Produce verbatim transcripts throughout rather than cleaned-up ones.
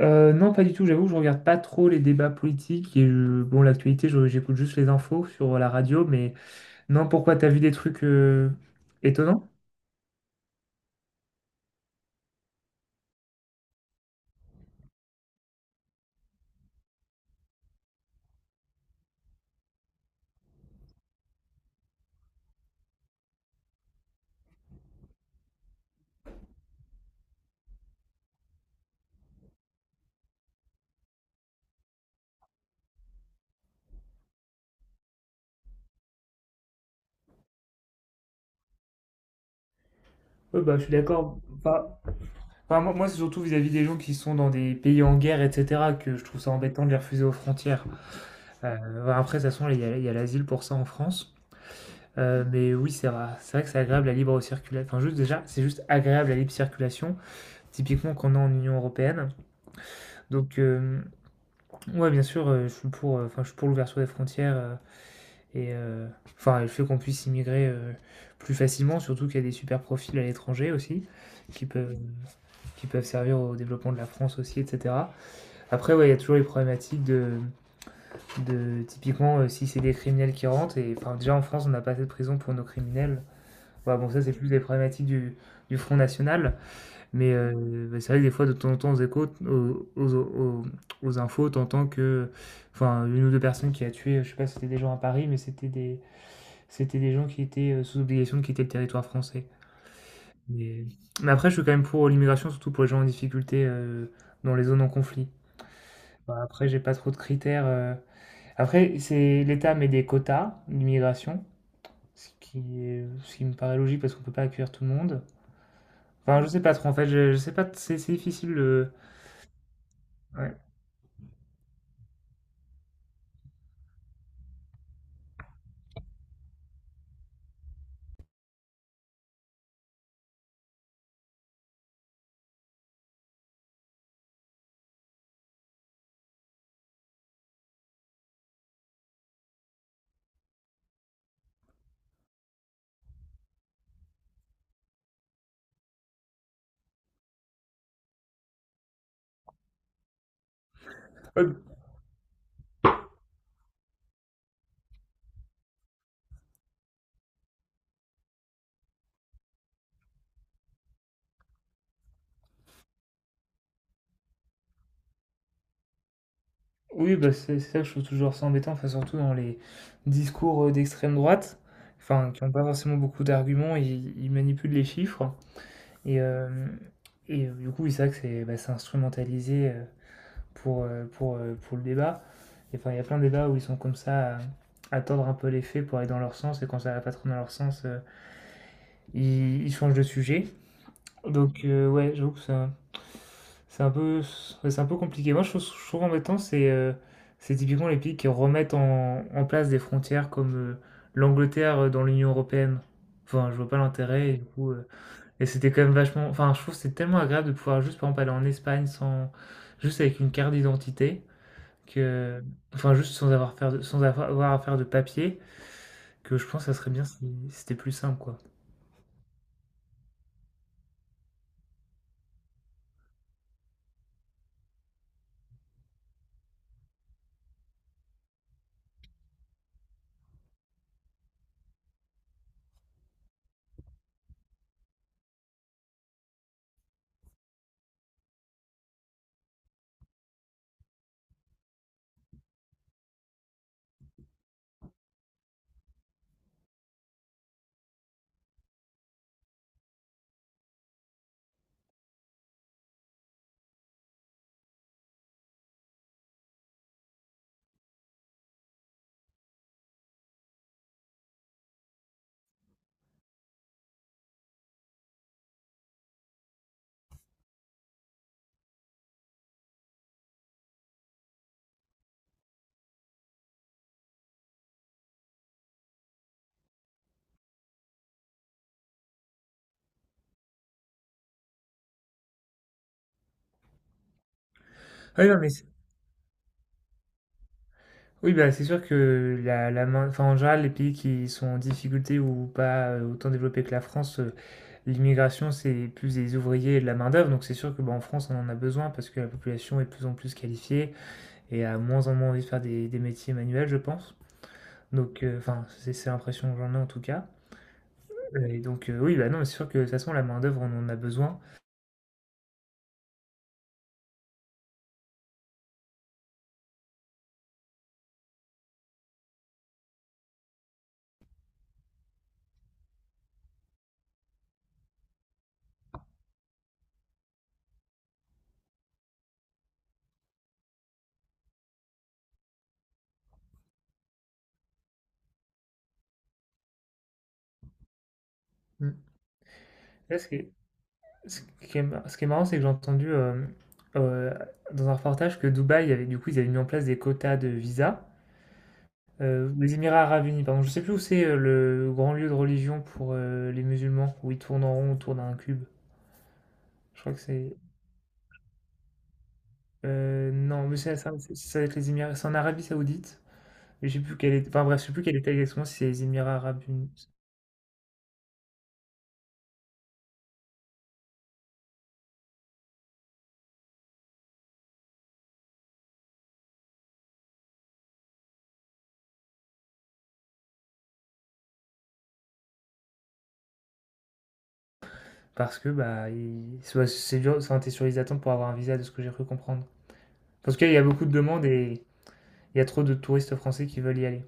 Euh, non, pas du tout. J'avoue je regarde pas trop les débats politiques. Et je- bon, l'actualité, je- j'écoute juste les infos sur la radio. Mais non, pourquoi t'as vu des trucs euh, étonnants? Ouais, bah, je suis d'accord. Enfin, enfin, moi, moi, c'est surtout vis-à-vis des gens qui sont dans des pays en guerre, et cetera, que je trouve ça embêtant de les refuser aux frontières. Euh, bah, après, de toute façon, il y a, il y a l'asile pour ça en France. Euh, mais oui, c'est vrai, c'est vrai que c'est agréable la libre circulation. Enfin, juste déjà, c'est juste agréable la libre circulation, typiquement qu'on a en Union européenne. Donc, euh, Ouais, bien sûr, heu, je suis pour, heu, enfin, je suis pour l'ouverture des frontières, heu et heu, enfin, le fait qu'on puisse immigrer, heu, plus facilement, surtout qu'il y a des super profils à l'étranger aussi, qui peuvent qui peuvent servir au développement de la France aussi et cetera. Après, ouais, il y a toujours les problématiques de de typiquement, heu, si c'est des criminels qui rentrent et enfin, déjà en France, on n'a pas assez de prisons pour nos criminels. Ouais, bon, ça, c'est plus des problématiques du du Front national, mais heu, bah, c'est vrai que des fois, de temps en temps, aux échos, aux aux aux aux infos, tu que enfin, une ou deux personnes qui a tué, je sais pas si c'était des gens à Paris, mais c'était des c'était des gens qui étaient, heu, sous obligation de quitter le territoire français. Mais mais après, je suis quand même pour l'immigration, surtout pour les gens en difficulté, heu, dans les zones en conflit. Bah, après, j'ai pas trop de critères, heu, après, c'est l'État met des quotas d'immigration, ce qui est ce qui me paraît logique parce qu'on peut pas accueillir tout le monde. Enfin, je sais pas trop, en fait, je je sais pas, c'est c'est difficile, heu, ouais. Ouais, oui, bah, c'est c'est ça que je trouve toujours ça embêtant, enfin, surtout dans les discours, heu, d'extrême droite, enfin, qui n'ont pas forcément beaucoup d'arguments, ils ils manipulent les chiffres et hem et heu, du coup, oui, c'est vrai que c'est, bah, c'est instrumentalisé, heu, pour, heu, pour, heu, pour le débat et enfin, il y a plein de débats où ils sont comme ça à à tordre un peu les faits pour aller dans leur sens et quand ça va pas trop dans leur sens, heu, ils ils changent de sujet donc, euh, ouais, j'avoue que c'est un, c'est un peu, ouais, c'est un peu compliqué. Moi, je trouve, je trouve embêtant, c'est euh, c'est typiquement les pays qui remettent en, en place des frontières comme euh, l'Angleterre euh, dans l'Union européenne. Enfin, je vois pas l'intérêt, et du coup, euh, et c'était quand même vachement. Enfin, je trouve que c'est tellement agréable de pouvoir juste, par exemple, aller en Espagne sans, juste avec une carte d'identité, que, enfin, juste sans avoir, faire de- sans avoir à faire de papier, que je pense que ça serait bien si c'était plus simple, quoi. Ah oui, non, mais oui, bah, c'est sûr que la, la main, enfin, en général, les pays qui sont en difficulté ou pas euh, autant développés que la France, euh, l'immigration, c'est plus des ouvriers et de la main-d'œuvre. Donc, c'est sûr que bah, en France, on en a besoin parce que la population est de plus en plus qualifiée et a moins en moins envie de faire des, des métiers manuels, je pense. Donc, euh, enfin, c'est c'est l'impression que j'en ai en tout cas. Euh, Et donc, euh, oui, bah non, mais c'est sûr que de toute façon, la main-d'œuvre, on en a besoin. Mm. Là, ce qui est, ce qui est mar- ce qui est marrant, c'est que j'ai entendu euh, euh, dans un reportage que Dubaï, avait, du coup, ils avaient mis en place des quotas de visa. Euh, les Émirats Arabes Unis, pardon. Je sais plus où c'est euh, le grand lieu de religion pour euh, les musulmans, où ils tournent en rond autour d'un cube. Je crois que c'est. Euh, non, mais c'est ça, c'est- ça va être les Émirats. C'est en Arabie Saoudite. Mais je sais plus quelle est. Enfin bref, je sais plus quelle était exactement si c'est les Émirats Arabes Unis. Parce que bah, ils- soit c'est dur, ça était sur les attentes pour avoir un visa, de ce que j'ai cru comprendre. Parce qu'il y a beaucoup de demandes et il y a trop de touristes français qui veulent y aller.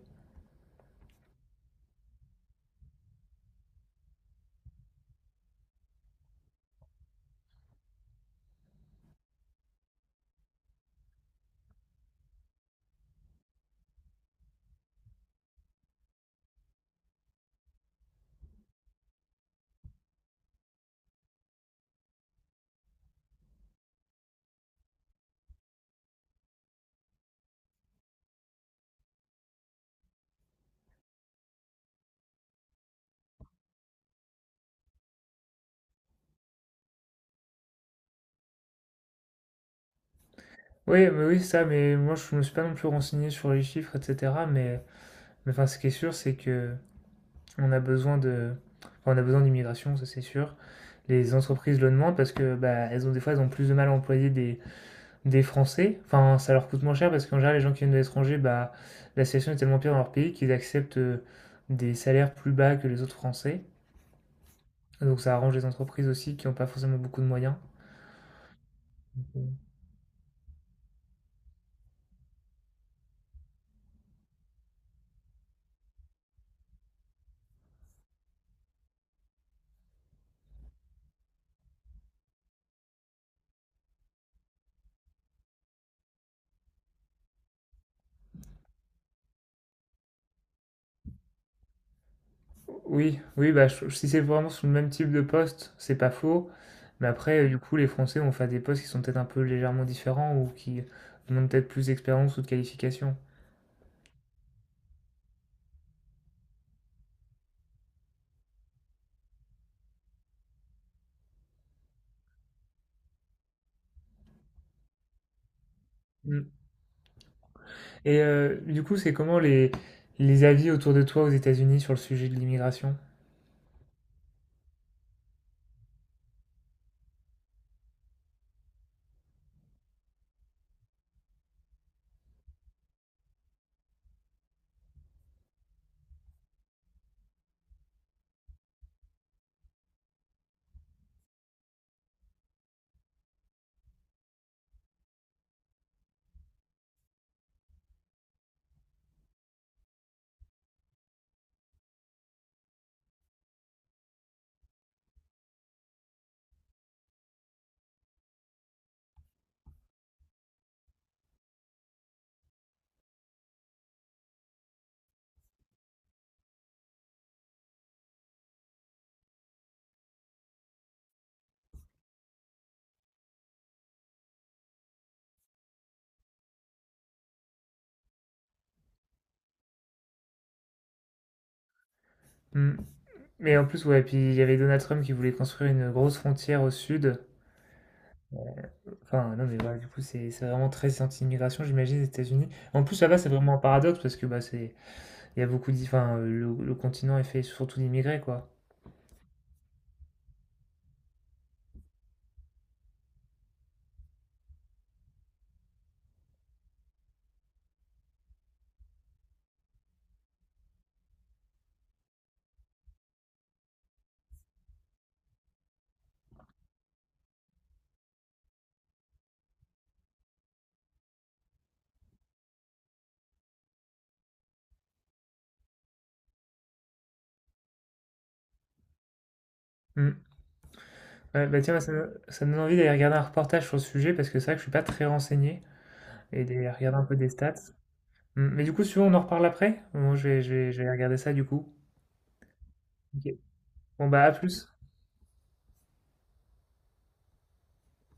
Oui, mais oui, c'est ça, mais moi je me suis pas non plus renseigné sur les chiffres, et cetera. Mais, mais enfin, ce qui est sûr, c'est que on a besoin de, enfin, on a besoin d'immigration, ça c'est sûr. Les entreprises le demandent parce que bah, elles ont des fois elles ont plus de mal à employer des, des Français. Enfin, ça leur coûte moins cher parce qu'en général les gens qui viennent de l'étranger, bah, la situation est tellement pire dans leur pays qu'ils acceptent euh, des salaires plus bas que les autres Français. Donc ça arrange les entreprises aussi qui n'ont pas forcément beaucoup de moyens. Oui, oui, bah, je- si c'est vraiment sur le même type de poste, c'est pas faux. Mais après, euh, du coup, les Français vont faire des postes qui sont peut-être un peu légèrement différents ou qui demandent peut-être plus d'expérience ou de qualification. Mm. Et euh, du coup, c'est comment les, les avis autour de toi aux États-Unis sur le sujet de l'immigration? Hmm. Mais en plus, ouais, puis il y avait Donald Trump qui voulait construire une grosse frontière au sud. Euh, Enfin, non, mais voilà, du coup, c'est c'est vraiment très anti-immigration, j'imagine, les États-Unis. En plus, là-bas, c'est vraiment un paradoxe parce que bah, c'est, il y a beaucoup d'i- enfin, euh, le, le continent est fait surtout d'immigrés, quoi. Hmm. Ouais, bah tiens, ça, me ça me donne envie d'aller regarder un reportage sur le sujet parce que c'est vrai que je suis pas très renseigné et d'aller regarder un peu des stats. Hmm. Mais du coup, si tu veux, on en reparle après. Moi, je vais, je vais, je vais regarder ça du coup. Ok. Bon, bah, à plus.